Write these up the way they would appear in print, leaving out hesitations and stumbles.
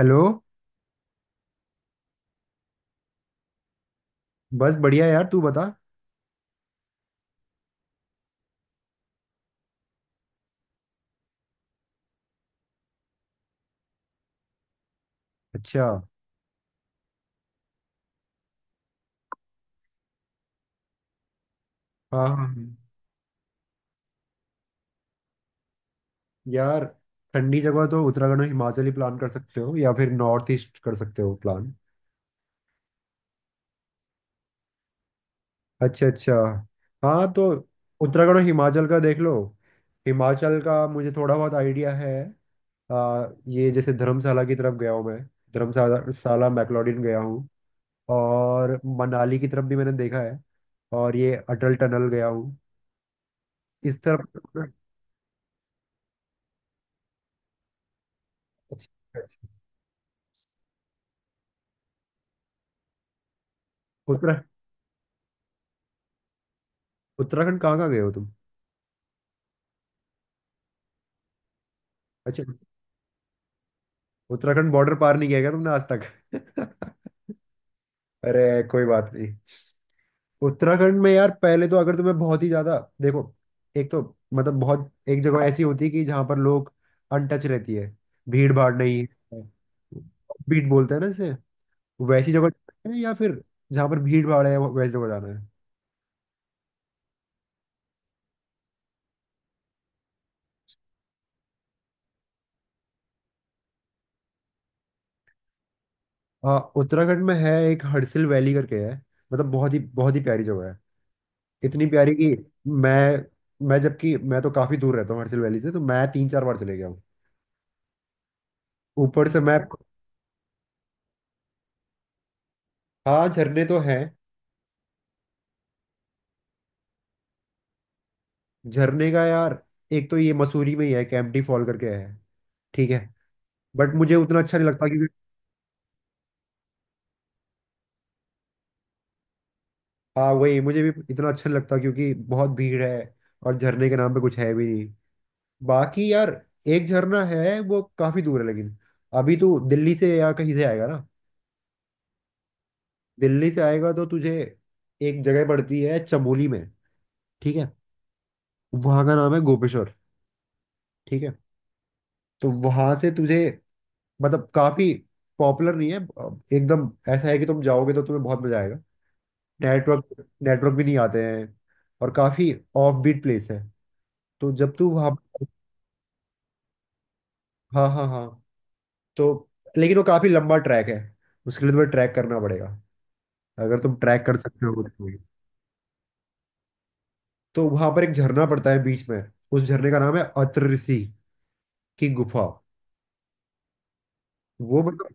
Hello. बस बढ़िया यार, तू बता। अच्छा। हाँ हाँ हाँ। यार, ठंडी जगह तो उत्तराखंड और हिमाचल ही प्लान कर सकते हो, या फिर नॉर्थ ईस्ट कर सकते हो प्लान। अच्छा अच्छा। हाँ, तो उत्तराखंड और हिमाचल का देख लो। हिमाचल का मुझे थोड़ा बहुत आइडिया है। ये जैसे धर्मशाला की तरफ गया हूँ मैं। धर्मशाला शाला मैक्लोडगंज गया हूँ। और मनाली की तरफ भी मैंने देखा है। और ये अटल टनल गया हूँ इस तरफ। अच्छा अच्छा। उत्तरा उत्तराखंड कहाँ कहाँ गए हो तुम? अच्छा, उत्तराखंड बॉर्डर पार नहीं किया क्या तुमने आज तक? अरे, कोई बात नहीं। उत्तराखंड में यार, पहले तो अगर तुम्हें बहुत ही ज्यादा देखो, एक तो मतलब बहुत एक जगह ऐसी होती है कि जहां पर लोग अनटच रहती है, भीड़ भाड़ नहीं है, बीट बोलते हैं ना जैसे, वैसी जगह जाना है, या फिर जहां पर भीड़ भाड़ है, वैसी जगह जाना है? हाँ, उत्तराखंड में है एक हडसिल वैली करके है। मतलब बहुत ही प्यारी जगह है। इतनी प्यारी कि मैं मैं जबकि मैं तो काफी दूर रहता हूँ हडसिल वैली से, तो मैं 3-4 बार चले गया। ऊपर से मैं। हाँ, झरने तो हैं। झरने का यार, एक तो ये मसूरी में ही है कैंपटी फॉल करके है। ठीक है। बट मुझे उतना अच्छा नहीं लगता क्योंकि। हाँ, वही मुझे भी इतना अच्छा नहीं लगता क्योंकि बहुत भीड़ है और झरने के नाम पे कुछ है भी नहीं। बाकी यार, एक झरना है वो काफी दूर है लेकिन। अभी तू दिल्ली से या कहीं से आएगा ना? दिल्ली से आएगा तो तुझे एक जगह पड़ती है चमोली में। ठीक है। वहाँ का नाम है गोपेश्वर। ठीक है। तो वहां से तुझे, मतलब काफी पॉपुलर नहीं है, एकदम ऐसा है कि तुम जाओगे तो तुम्हें बहुत मजा आएगा। नेटवर्क नेटवर्क भी नहीं आते हैं। और काफी ऑफ बीट प्लेस है। तो जब तू वहाँ। हाँ हाँ हाँ। तो लेकिन वो काफी लंबा ट्रैक है। उसके लिए तुम्हें ट्रैक करना पड़ेगा। अगर तुम ट्रैक कर सकते हो तो। तो वहां पर एक झरना पड़ता है बीच में। उस झरने का नाम है अत्र ऋषि की गुफा। वो, मतलब।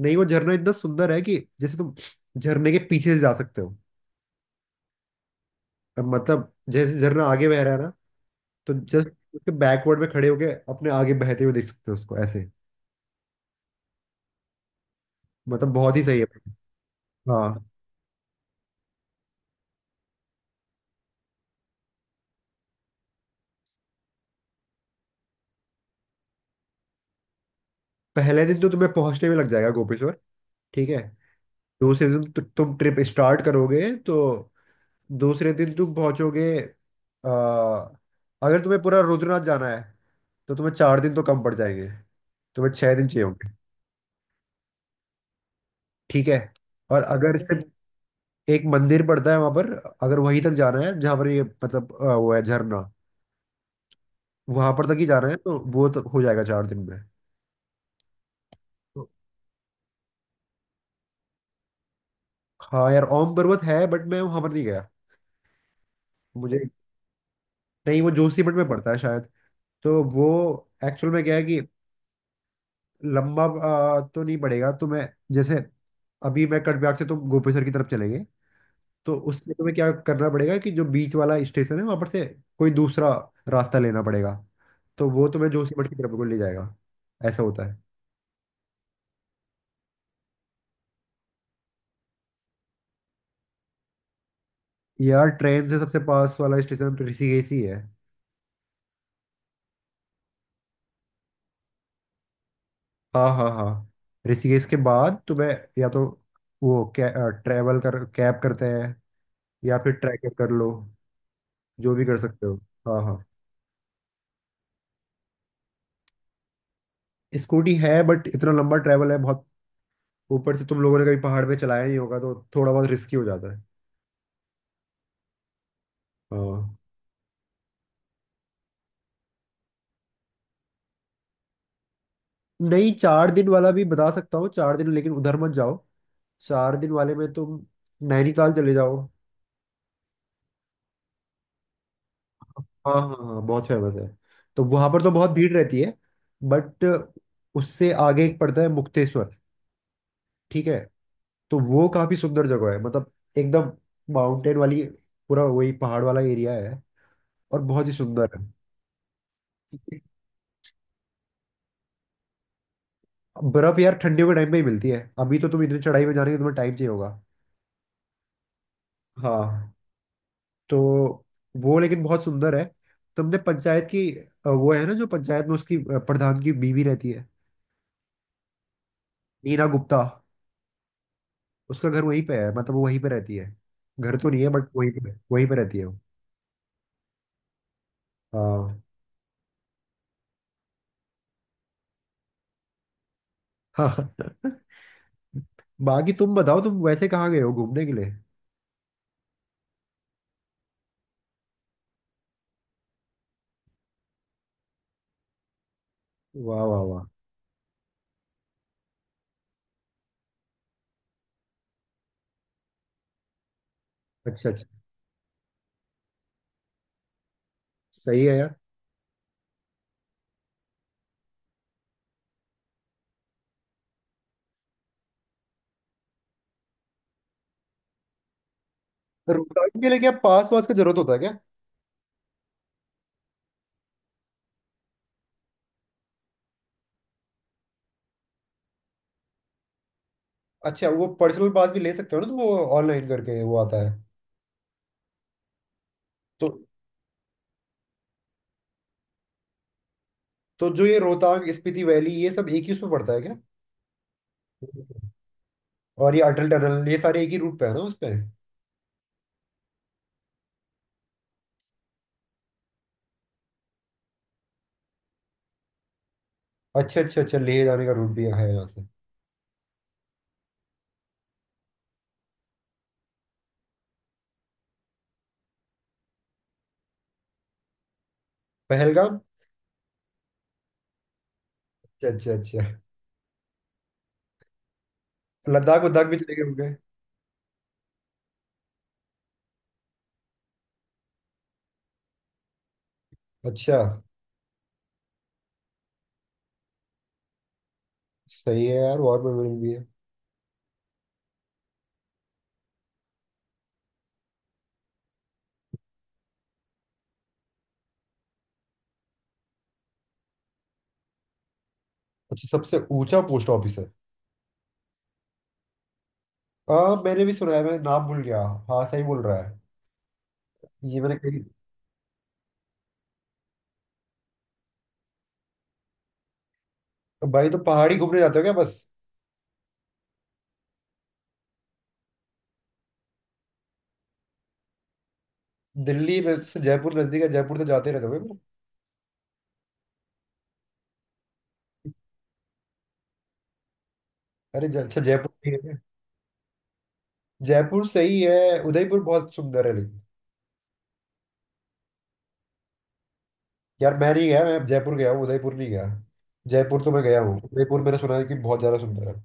नहीं, वो झरना इतना सुंदर है कि जैसे तुम झरने के पीछे से जा सकते हो। अब मतलब जैसे झरना आगे बह रहा है ना, तो जस्ट उसके बैकवर्ड में खड़े होके अपने आगे बहते हुए देख सकते हो उसको ऐसे। मतलब बहुत ही सही है। हाँ। पहले दिन तो तुम्हें पहुंचने में लग जाएगा गोपेश्वर। ठीक है। दूसरे दिन तुम ट्रिप स्टार्ट करोगे, तो दूसरे दिन तुम पहुंचोगे। अ, अगर तुम्हें पूरा रुद्रनाथ जाना है तो तुम्हें 4 दिन तो कम पड़ जाएंगे। तुम्हें 6 दिन चाहिए होंगे। ठीक है। और अगर सिर्फ एक मंदिर पड़ता है वहां पर, अगर वहीं तक जाना है जहां पर ये मतलब वो है झरना, वहां पर तक ही जाना है, तो वो तो हो जाएगा 4 दिन में। हाँ यार, ओम पर्वत है बट मैं वहां पर नहीं गया। मुझे। नहीं, वो जोशीमठ में पड़ता है शायद। तो वो एक्चुअल में क्या है कि लंबा तो नहीं पड़ेगा, तो मैं जैसे अभी मैं कटबिहार से तो गोपेश्वर की तरफ चलेंगे, तो उसमें तुम्हें क्या करना पड़ेगा कि जो बीच वाला स्टेशन है वहां पर से कोई दूसरा रास्ता लेना पड़ेगा। तो वो तुम्हें जोशीमठ की तरफ को ले जाएगा। ऐसा होता है। यार, ट्रेन से सबसे पास वाला स्टेशन ऋषिकेश ही है। हाँ हाँ हाँ। ऋषिकेश के बाद तुम्हें, या तो वो ट्रैवल कर कैब करते हैं, या फिर ट्रैकर कर लो, जो भी कर सकते हो। हाँ हाँ। स्कूटी है बट इतना लंबा ट्रैवल है बहुत। ऊपर से तुम लोगों ने कभी पहाड़ पे चलाया नहीं होगा, तो थोड़ा बहुत रिस्की हो जाता है। हाँ। नहीं, 4 दिन वाला भी बता सकता हूँ। 4 दिन, लेकिन उधर मत जाओ। 4 दिन वाले में तुम नैनीताल चले जाओ। हाँ हाँ हाँ, बहुत फेमस है। तो वहां पर तो बहुत भीड़ रहती है, बट। उससे आगे एक पड़ता है मुक्तेश्वर। ठीक है। तो वो काफी सुंदर जगह है, मतलब एकदम माउंटेन वाली। पूरा वही पहाड़ वाला एरिया है और बहुत ही सुंदर है। बर्फ यार, ठंडियों के टाइम में ही मिलती है। अभी तो तुम इतनी चढ़ाई में जा रहे हो, तुम्हें टाइम चाहिए होगा। हाँ। तो वो लेकिन बहुत सुंदर है। तुमने पंचायत की, वो है ना जो पंचायत में उसकी, प्रधान की बीवी रहती है, नीना गुप्ता? उसका घर वहीं पे है, मतलब वो वहीं पे रहती है। घर तो नहीं है बट वहीं पे रहती है वो। हाँ हाँ। बाकी तुम बताओ, तुम वैसे कहाँ गए हो घूमने के लिए? वाह वाह वाह। अच्छा अच्छा। सही है यार। रिकॉर्डिंग के लिए क्या पास वास का जरूरत होता है क्या? अच्छा, वो पर्सनल पास भी ले सकते हो ना, तो वो ऑनलाइन करके वो आता है। तो तो जो ये रोहतांग स्पीति वैली, ये सब एक ही उसमें पड़ता है क्या? और ये अटल टनल, ये सारे एक ही रूट पे है ना उस पे? अच्छा अच्छा अच्छा, लेह जाने का रूट भी है यहाँ से। पहलगाम। अच्छा अच्छा अच्छा, लद्दाख वद्दाख भी चले गए होंगे? अच्छा। सही है यार, वॉर मेमोरियल भी है। अच्छा, सबसे ऊंचा पोस्ट ऑफिस है। हाँ, मैंने भी सुना है, मैं नाम भूल गया। हाँ, सही बोल रहा है। ये मैंने कहीं। तो भाई, तो पहाड़ी घूमने जाते हो क्या बस? दिल्ली में से जयपुर नजदीक है, जयपुर तो जाते रहते हो क्या? अरे अच्छा, जयपुर भी है क्या? जयपुर सही है, उदयपुर बहुत सुंदर है लेकिन। यार मैं नहीं गया, मैं जयपुर गया हूँ, उदयपुर नहीं गया। जयपुर तो मैं गया हूँ, उदयपुर मैंने सुना है कि बहुत ज्यादा सुंदर है।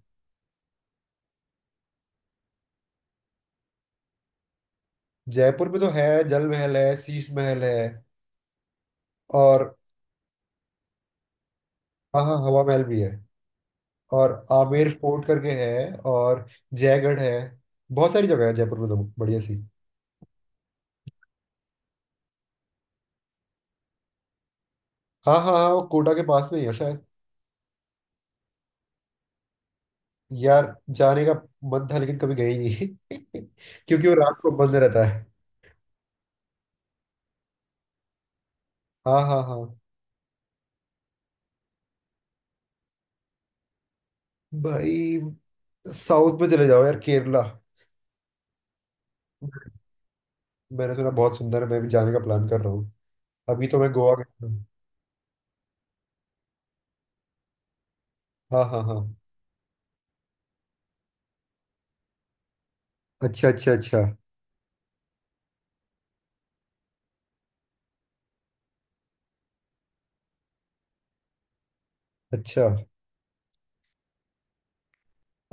जयपुर में तो है, जल महल है, शीश महल है, और। हाँ हाँ, हवा महल भी है। और आमेर फोर्ट करके है, और जयगढ़ है। बहुत सारी जगह है जयपुर में तो, बढ़िया सी। हाँ हाँ हाँ, वो कोटा के पास में ही है शायद। यार, जाने का मन था, लेकिन कभी गए ही नहीं। क्योंकि वो रात को बंद रहता है। हाँ हाँ हाँ। भाई, साउथ में चले जाओ यार, केरला। मैंने सुना बहुत सुंदर है, मैं भी जाने का प्लान कर रहा हूँ। अभी तो मैं गोवा गया था। हाँ हाँ हाँ। अच्छा अच्छा अच्छा। अच्छा,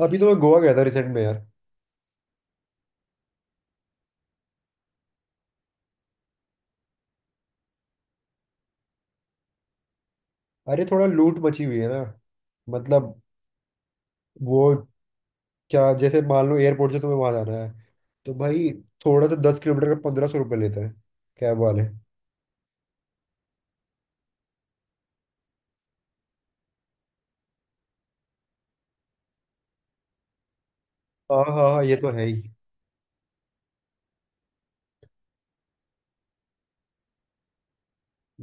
अभी तो मैं गोवा गया था रिसेंट में यार। अरे, थोड़ा लूट मची हुई है ना, मतलब वो क्या, जैसे मान लो एयरपोर्ट से तुम्हें वहां जाना है, तो भाई थोड़ा सा 10 किलोमीटर का ₹1500 लेता है कैब वाले। हाँ हाँ हाँ, ये तो है ही।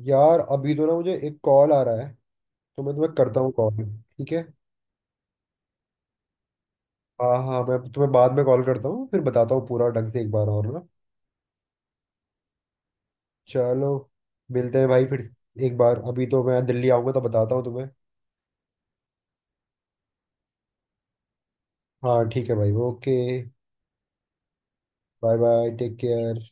यार, अभी तो ना मुझे एक कॉल आ रहा है, तो मैं तुम्हें करता हूँ कॉल। ठीक है। हाँ हाँ, मैं तुम्हें बाद में कॉल करता हूँ, फिर बताता हूँ पूरा ढंग से एक बार और ना। चलो, मिलते हैं भाई फिर एक बार, अभी तो मैं दिल्ली आऊँगा तो बताता हूँ तुम्हें। हाँ, ठीक है भाई, okay. Bye bye, take care.